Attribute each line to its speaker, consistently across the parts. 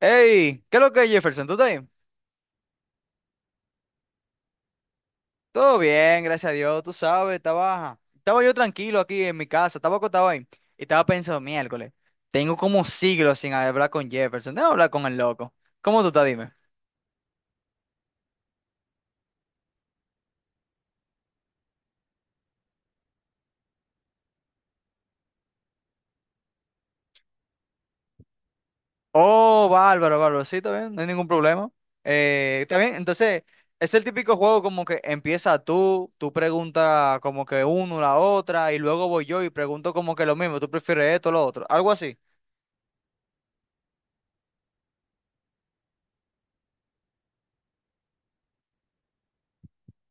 Speaker 1: Hey, ¿qué es lo que es Jefferson? ¿Tú estás bien? Todo bien, gracias a Dios, tú sabes, estaba yo tranquilo aquí en mi casa, estaba acostado ahí y estaba pensando, miércoles, tengo como siglos sin hablar con Jefferson, debo hablar con el loco. ¿Cómo tú estás? Dime. Oh, bárbaro, bárbaro, sí, está bien, no hay ningún problema. Está bien, entonces, es el típico juego como que empieza tú preguntas como que uno, la otra, y luego voy yo y pregunto como que lo mismo, tú prefieres esto, lo otro, algo así.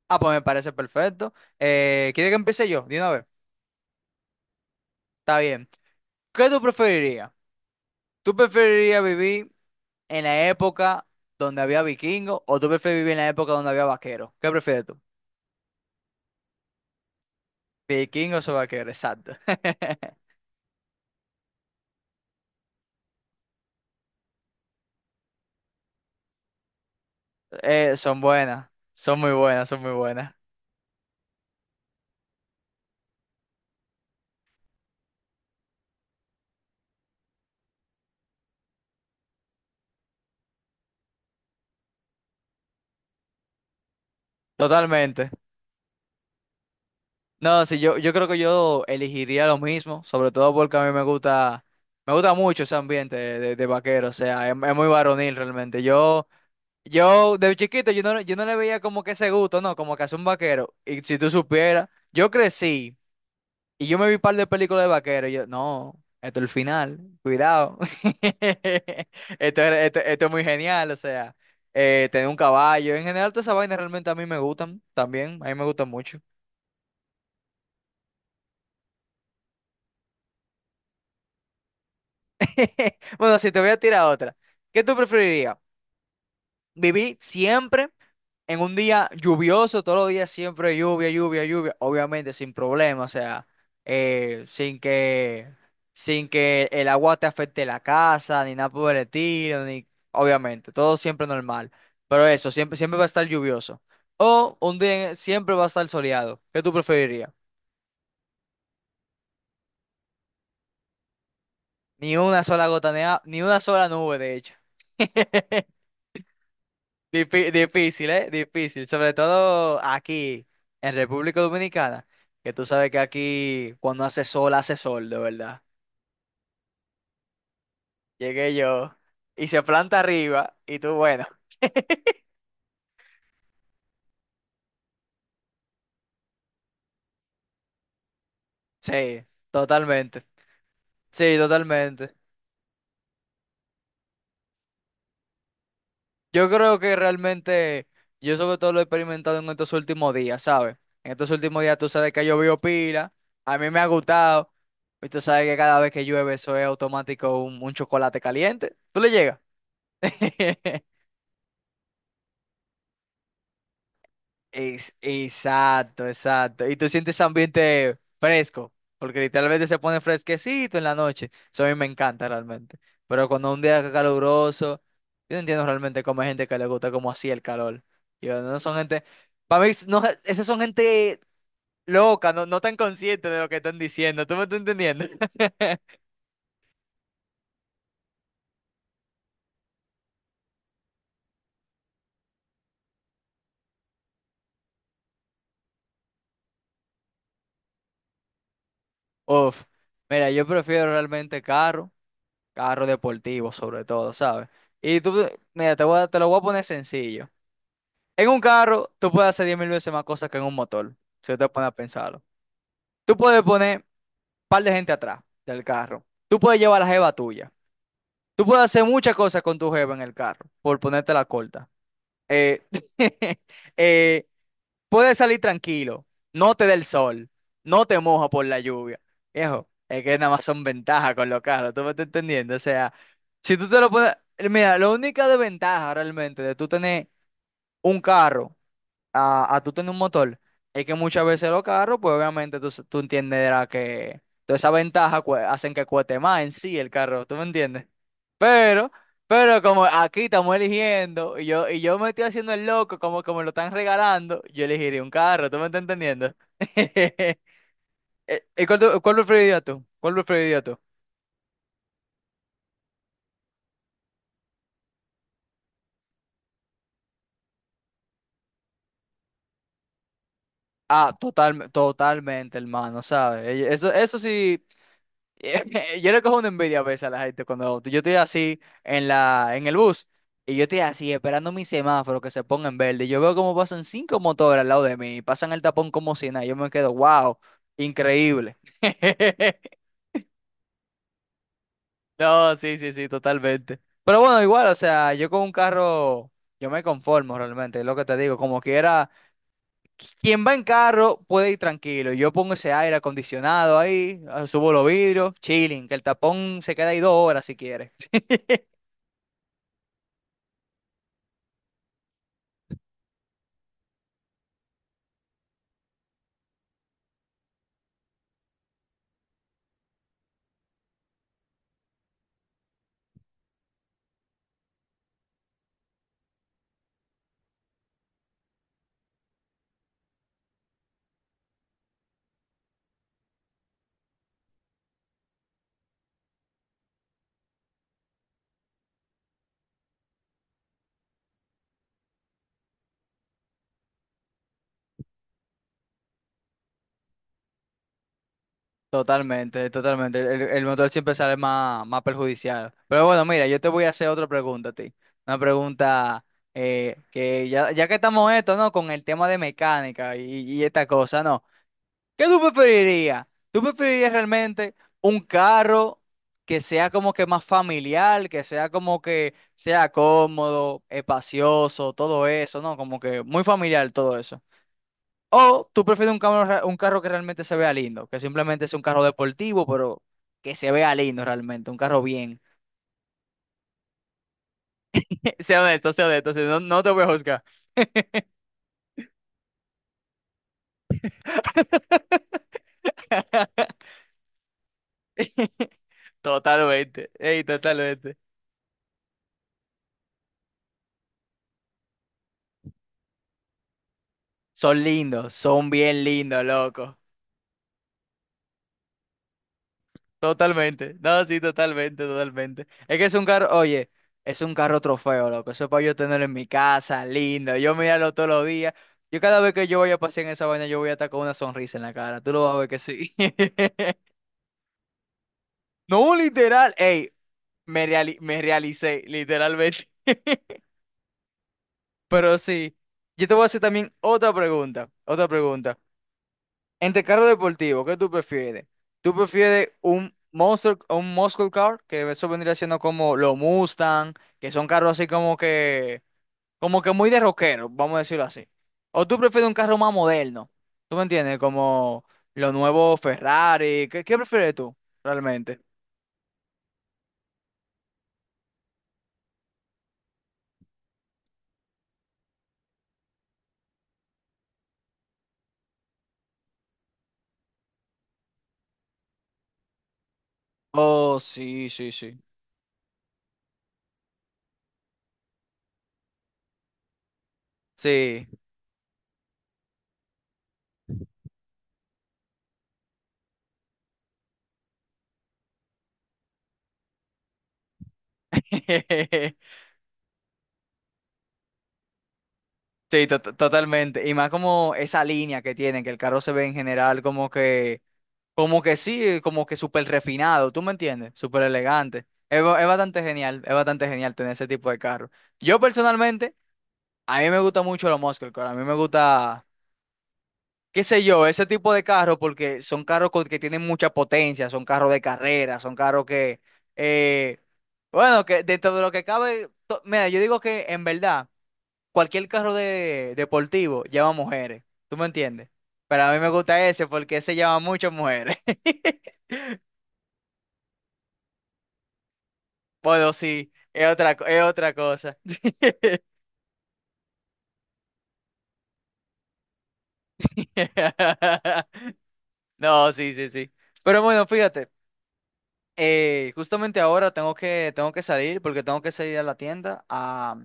Speaker 1: Ah, pues me parece perfecto. ¿Quiere que empiece yo? Dime. Está bien. ¿Qué tú preferirías? ¿Tú preferirías vivir en la época donde había vikingos o tú prefieres vivir en la época donde había vaqueros? ¿Qué prefieres tú? ¿Vikingos o vaqueros? Exacto. Son buenas. Son muy buenas, son muy buenas. Totalmente. No, sí, yo creo que yo elegiría lo mismo, sobre todo porque a mí me gusta mucho ese ambiente de vaquero, o sea, es muy varonil realmente. Yo Yo, de chiquito, yo no le veía como que ese gusto, no, como que hace un vaquero. Y si tú supieras, yo crecí y yo me vi un par de películas de vaquero. Y yo, no, esto es el final, cuidado. Esto, esto es muy genial, o sea, tener un caballo. En general, todas esas vainas realmente a mí me gustan también, a mí me gustan mucho. Bueno, si te voy a tirar otra, ¿qué tú preferirías? ¿Vivir siempre en un día lluvioso, todos los días siempre lluvia, lluvia, lluvia, obviamente sin problema, o sea, eh, sin que, sin que el agua te afecte la casa, ni nada por el estilo, ni, obviamente, todo siempre normal, pero eso, siempre, siempre va a estar lluvioso? O un día siempre va a estar soleado, ¿qué tú preferirías? Ni una sola gota, ni una sola nube, de hecho. Difícil, ¿eh? Difícil. Sobre todo aquí, en República Dominicana, que tú sabes que aquí cuando hace sol, de verdad. Llegué yo y se planta arriba y tú, bueno, sí, totalmente. Sí, totalmente. Yo creo que realmente, yo sobre todo lo he experimentado en estos últimos días, ¿sabes? En estos últimos días tú sabes que ha llovido pila, a mí me ha gustado, y tú sabes que cada vez que llueve eso es automático un chocolate caliente. ¿Tú le llegas? Exacto, exacto. Y tú sientes ese ambiente fresco, porque literalmente se pone fresquecito en la noche. Eso a mí me encanta realmente. Pero cuando un día caluroso, yo no entiendo realmente cómo hay gente que le gusta como así el calor. Yo no son gente, para mí, no, esas son gente loca, no, no tan consciente de lo que están diciendo. ¿Tú me estás entendiendo? Uf, mira, yo prefiero realmente carro, carro deportivo sobre todo, ¿sabes? Y tú, mira, te lo voy a poner sencillo. En un carro, tú puedes hacer 10.000 veces más cosas que en un motor, si tú te pones a pensarlo. Tú puedes poner un par de gente atrás del carro. Tú puedes llevar la jeva tuya. Tú puedes hacer muchas cosas con tu jeva en el carro, por ponerte la corta. Eh, eh, puedes salir tranquilo, no te da el sol, no te moja por la lluvia. Viejo, es que nada más son ventajas con los carros, ¿tú me estás entendiendo? O sea, si tú te lo pones... Mira, la única desventaja realmente de tú tener un carro a tú tener un motor. Es que muchas veces los carros, pues obviamente tú entenderás que toda esa ventaja hacen que cueste más en sí el carro, ¿tú me entiendes? Pero, pero como aquí estamos eligiendo y yo me estoy haciendo el loco como que me lo están regalando, yo elegiría un carro, ¿tú me estás entendiendo? ¿Y cuál preferirías tú? ¿Cuál preferirías tú? Ah, total, totalmente, hermano, ¿sabes? Eso sí. Yo le cojo una envidia a veces a la gente cuando yo estoy así en en el bus y yo estoy así esperando mi semáforo que se ponga en verde. Y yo veo cómo pasan cinco motores al lado de mí y pasan el tapón como si nada. Y yo me quedo, wow, increíble. No, sí, sí, sí, totalmente. Pero bueno, igual, o sea, yo con un carro, yo me conformo realmente, es lo que te digo. Como quiera, quien va en carro puede ir tranquilo. Yo pongo ese aire acondicionado ahí, ah, subo los vidrios, chilling, que el tapón se queda ahí dos horas si quiere. Totalmente, totalmente. El motor siempre sale más, más perjudicial. Pero bueno, mira, yo te voy a hacer otra pregunta a ti. Una pregunta, que ya que estamos esto, ¿no? Con el tema de mecánica y esta cosa, ¿no? ¿Qué tú preferirías? ¿Tú preferirías realmente un carro que sea como que más familiar, que sea como que sea cómodo, espacioso, todo eso, ¿no? Como que muy familiar todo eso? O tú prefieres un un carro que realmente se vea lindo, que simplemente es un carro deportivo, pero que se vea lindo realmente, un carro bien. Sea honesto, si no, no te voy a juzgar. Totalmente, ey, totalmente. Son lindos, son bien lindos, loco. Totalmente. No, sí, totalmente, totalmente. Es que es un carro, oye, es un carro trofeo, loco. Eso es para yo tenerlo en mi casa, lindo. Yo mirarlo todos los días. Yo cada vez que yo vaya a pasear en esa vaina, yo voy a estar con una sonrisa en la cara. Tú lo vas a ver que sí. No, literal. Ey, me realicé, literalmente. Pero sí. Yo te voy a hacer también otra pregunta. Otra pregunta. Entre carro deportivo, ¿qué tú prefieres? ¿Tú prefieres un Monster, un Muscle Car, que eso vendría siendo como los Mustang, que son carros así como que muy de rockero, vamos a decirlo así? ¿O tú prefieres un carro más moderno? ¿Tú me entiendes? Como los nuevos Ferrari, ¿qué, qué prefieres tú realmente? Oh, sí, sí, sí. Sí. Sí, totalmente. Y más como esa línea que tienen, que el carro se ve en general como que como que sí, como que súper refinado, ¿tú me entiendes? Súper elegante. Es bastante genial tener ese tipo de carro. Yo personalmente, a mí me gusta mucho los muscle car, a mí me gusta, qué sé yo, ese tipo de carros porque son que tienen mucha potencia, son carros de carrera, son carros que, eh, bueno, que dentro de lo que cabe, mira, yo digo que en verdad, cualquier carro deportivo lleva mujeres, ¿tú me entiendes? Pero a mí me gusta ese porque ese lleva muchas mujeres. Bueno, sí, es es otra cosa. No, sí, sí, sí. Pero bueno, fíjate, justamente ahora tengo que salir porque tengo que salir a la tienda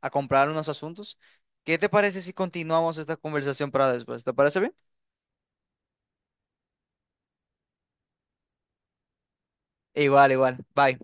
Speaker 1: a comprar unos asuntos. ¿Qué te parece si continuamos esta conversación para después? ¿Te parece bien? Igual, igual. Bye.